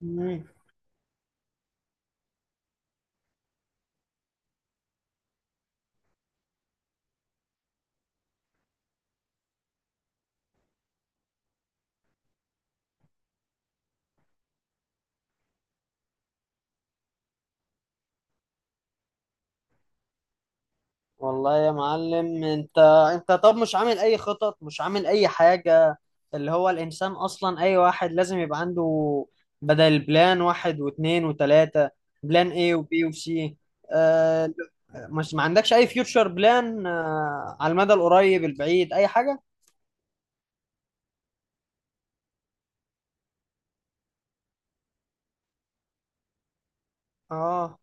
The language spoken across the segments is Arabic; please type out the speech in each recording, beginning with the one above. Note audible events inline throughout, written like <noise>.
مم. والله يا معلم انت، طب مش عامل اي خطط، مش عامل اي حاجة؟ اللي هو الانسان اصلا، اي واحد لازم يبقى عنده بدل، بلان واحد واثنين وثلاثة، بلان ايه وبي وسي. آه. مش ما عندكش اي فيوتشر بلان؟ آه، على المدى القريب البعيد، اي حاجة. اه.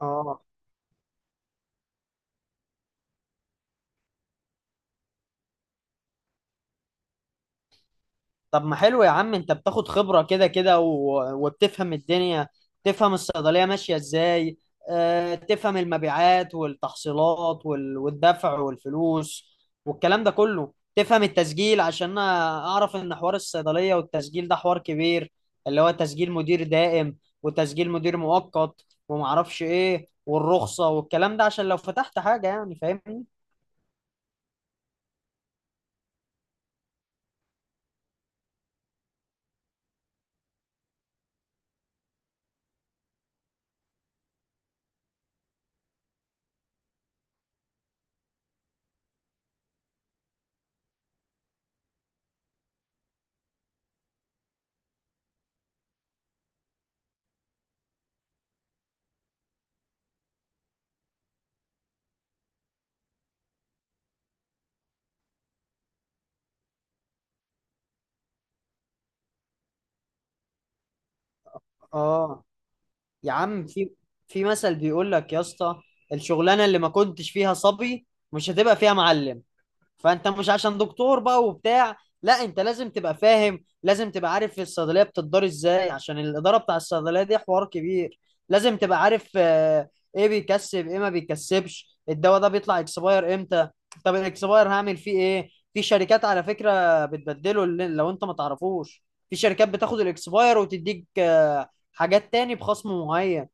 اه، طب ما حلو يا عم، انت بتاخد خبرة كده كده وبتفهم الدنيا، تفهم الصيدلية ماشية ازاي. اه، تفهم المبيعات والتحصيلات والدفع والفلوس والكلام ده كله، تفهم التسجيل. عشان انا اعرف ان حوار الصيدلية والتسجيل ده حوار كبير، اللي هو تسجيل مدير دائم وتسجيل مدير مؤقت ومعرفش ايه، والرخصة والكلام ده، عشان لو فتحت حاجة يعني، فاهمني؟ اه. يا عم، في في مثل بيقول لك يا اسطى: الشغلانه اللي ما كنتش فيها صبي، مش هتبقى فيها معلم. فانت مش عشان دكتور بقى وبتاع، لا، انت لازم تبقى فاهم، لازم تبقى عارف الصيدليه بتدار ازاي، عشان الاداره بتاع الصيدليه دي حوار كبير. لازم تبقى عارف آه، ايه بيكسب ايه ما بيكسبش، الدواء ده بيطلع اكسباير امتى، طب الاكسباير هعمل فيه ايه. في شركات على فكره بتبدله، لو انت ما تعرفوش، في شركات بتاخد الاكسباير وتديك آه، حاجات تاني بخصم معين.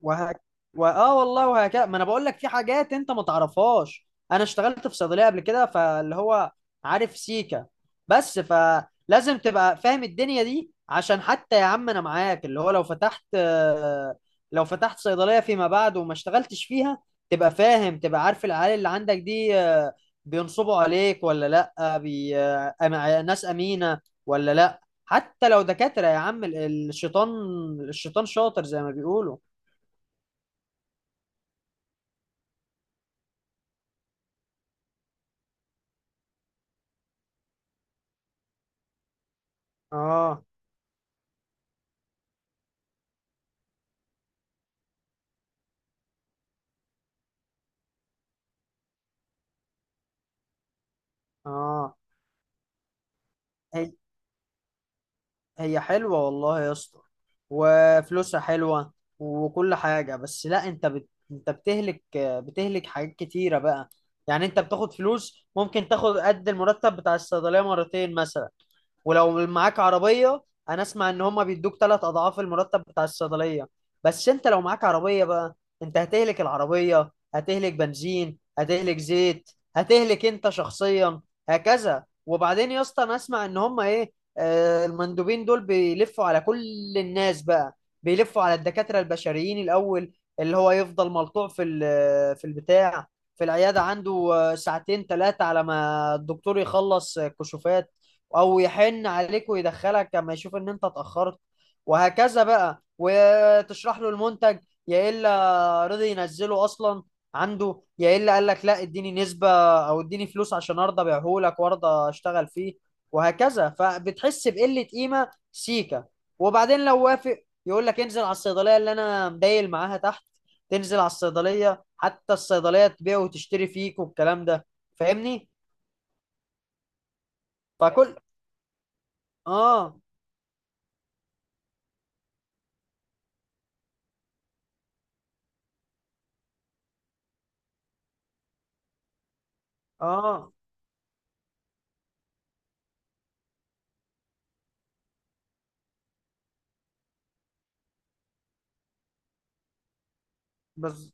وهك... اه والله، وهكذا. ما انا بقول لك في حاجات انت ما تعرفهاش. انا اشتغلت في صيدليه قبل كده، فاللي هو عارف سيكا. بس فلازم تبقى فاهم الدنيا دي، عشان حتى يا عم انا معاك، اللي هو لو فتحت آه، لو فتحت صيدليه فيما بعد وما اشتغلتش فيها، تبقى فاهم، تبقى عارف العيال اللي عندك دي آه، بينصبوا عليك ولا لا، ناس امينه ولا لا. حتى لو دكاتره يا عم، الشيطان، الشيطان شاطر زي ما بيقولوا. اه. اه. هي هي حلوة والله يا اسطى، وفلوسها حلوة، وكل حاجة. بس لا، انت بتهلك حاجات كتيرة بقى. يعني انت بتاخد فلوس، ممكن تاخد قد المرتب بتاع الصيدلية مرتين مثلا، ولو معاك عربية، انا اسمع ان هما بيدوك ثلاث اضعاف المرتب بتاع الصيدلية. بس انت لو معاك عربية بقى، انت هتهلك العربية، هتهلك بنزين، هتهلك زيت، هتهلك انت شخصيا، هكذا. وبعدين يا اسطى انا اسمع ان هما ايه، آه، المندوبين دول بيلفوا على كل الناس بقى، بيلفوا على الدكاترة البشريين الاول، اللي هو يفضل ملطوع في البتاع، في العيادة عنده آه، ساعتين ثلاثة، على ما الدكتور يخلص آه، كشوفات، او يحن عليك ويدخلك لما يشوف ان انت اتاخرت، وهكذا بقى. وتشرح له المنتج، يا الا رضي ينزله اصلا عنده، يا الا قال لك لا اديني نسبه او اديني فلوس عشان ارضى ابيعه لك وارضى اشتغل فيه، وهكذا، فبتحس بقله قيمه سيكا. وبعدين لو وافق، يقول لك انزل على الصيدليه اللي انا مدايل معاها تحت. تنزل على الصيدليه، حتى الصيدليه تبيع وتشتري فيك والكلام ده، فاهمني؟ فكل اه. اه. بس.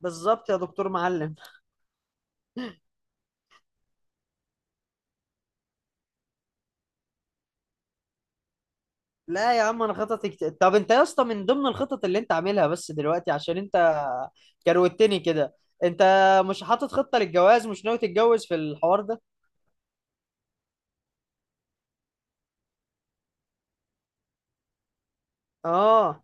بالظبط يا دكتور معلم. لا يا عم، طب انت يا اسطى، من ضمن الخطط اللي انت عاملها بس دلوقتي، عشان انت كروتني كده، انت مش حاطط خطة للجواز؟ مش ناوي تتجوز في الحوار ده؟ اه.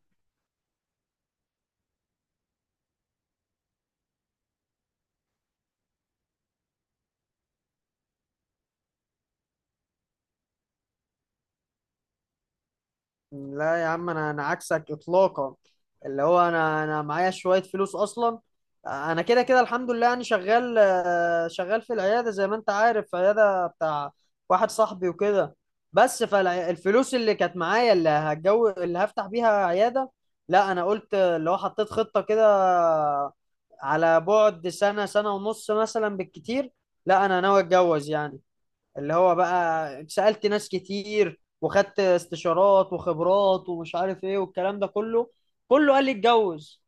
لا يا عم، انا عكسك اطلاقا. اللي هو انا معايا شويه فلوس اصلا، انا كده كده الحمد لله يعني، شغال آه، شغال في العياده زي ما انت عارف، في عياده بتاع واحد صاحبي وكده. بس فالفلوس اللي كانت معايا، اللي هتجو، اللي هفتح بيها عياده، لا انا قلت اللي هو حطيت خطه كده على بعد سنه، سنه ونص مثلا بالكتير، لا انا ناوي اتجوز يعني. اللي هو بقى سألت ناس كتير وخدت استشارات وخبرات ومش عارف ايه والكلام ده كله، كله قال لي اتجوز.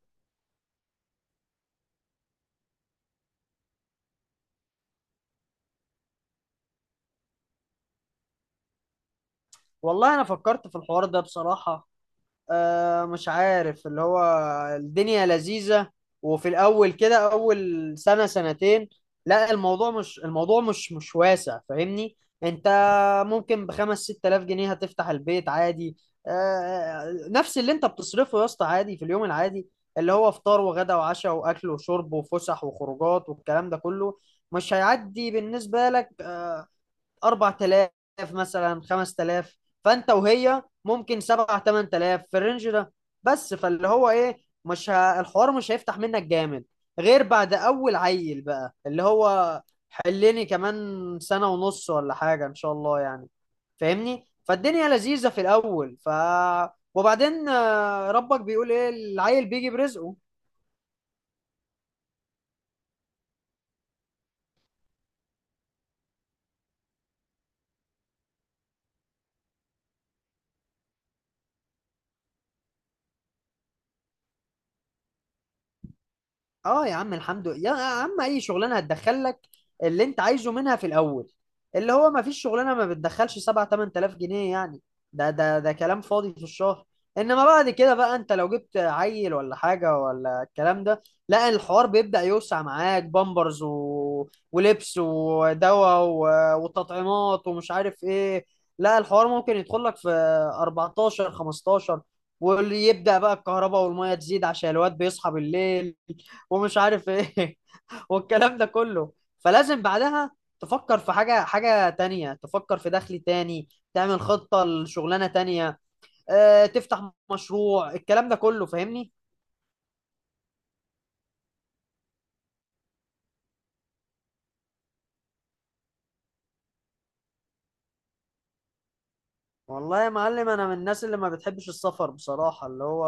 والله انا فكرت في الحوار ده بصراحة، آه، مش عارف، اللي هو الدنيا لذيذة، وفي الأول كده، أول سنة سنتين، لا الموضوع مش، الموضوع مش واسع، فاهمني؟ أنت ممكن بخمس ست آلاف جنيه هتفتح البيت عادي. آه، نفس اللي أنت بتصرفه يا اسطى عادي في اليوم العادي، اللي هو فطار وغدا وعشاء وأكل وشرب وفسح وخروجات والكلام ده كله، مش هيعدي بالنسبة لك آه، 4000، مثلا 5000. فانت وهي ممكن 7 8000 في الرينج ده. بس فاللي هو ايه، مش ه... الحوار مش هيفتح منك جامد غير بعد اول عيل بقى، اللي هو حلني كمان سنة ونص ولا حاجة ان شاء الله يعني، فاهمني؟ فالدنيا لذيذة في الاول، ف وبعدين آه، ربك بيقول ايه، العيل بيجي برزقه. اه، يا عم الحمد لله، يا عم اي شغلانه هتدخلك اللي انت عايزه منها في الاول. اللي هو ما فيش شغلانه ما بتدخلش 7 8000 جنيه يعني. ده كلام فاضي في الشهر. انما بعد كده بقى، انت لو جبت عيل ولا حاجه ولا الكلام ده، لا الحوار بيبدا يوسع معاك، بامبرز ولبس ودواء وتطعيمات ومش عارف ايه. لا الحوار ممكن يدخل لك في 14 15. واللي يبدا بقى الكهرباء والميه تزيد عشان الواد بيصحى بالليل ومش عارف ايه <laughs> والكلام ده كله. فلازم بعدها تفكر في حاجة، حاجة تانية، تفكر في دخل تاني، تعمل خطة لشغلانة تانية آه، تفتح مشروع، الكلام ده كله، فاهمني؟ والله يا معلم، انا من الناس اللي ما بتحبش السفر بصراحة، اللي هو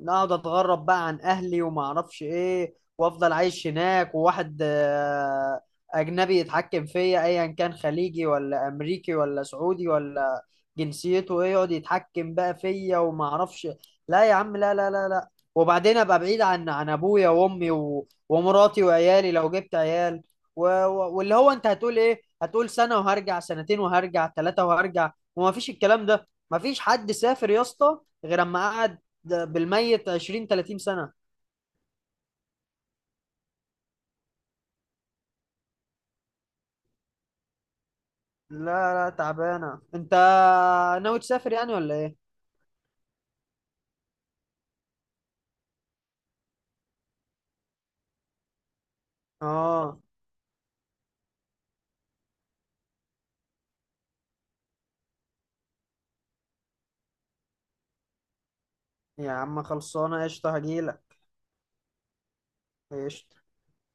إن اقعد اتغرب بقى عن اهلي وما اعرفش ايه، وافضل عايش هناك، وواحد آه، اجنبي يتحكم فيا، ايا كان خليجي ولا امريكي ولا سعودي ولا جنسيته ايه، يقعد يتحكم بقى فيا وما اعرفش. لا يا عم، لا لا لا لا. وبعدين ابقى بعيد عن ابويا وامي ومراتي وعيالي لو جبت عيال، واللي هو انت هتقول ايه، هتقول سنة وهرجع، سنتين وهرجع، ثلاثة وهرجع. وما فيش الكلام ده. ما فيش حد سافر يا اسطى غير اما قعد بالميت 20 30 سنة. لا لا، تعبانة. انت ناوي تسافر يعني ولا ايه؟ اه، يا عم خلصانة قشطة، هجيلك قشطة.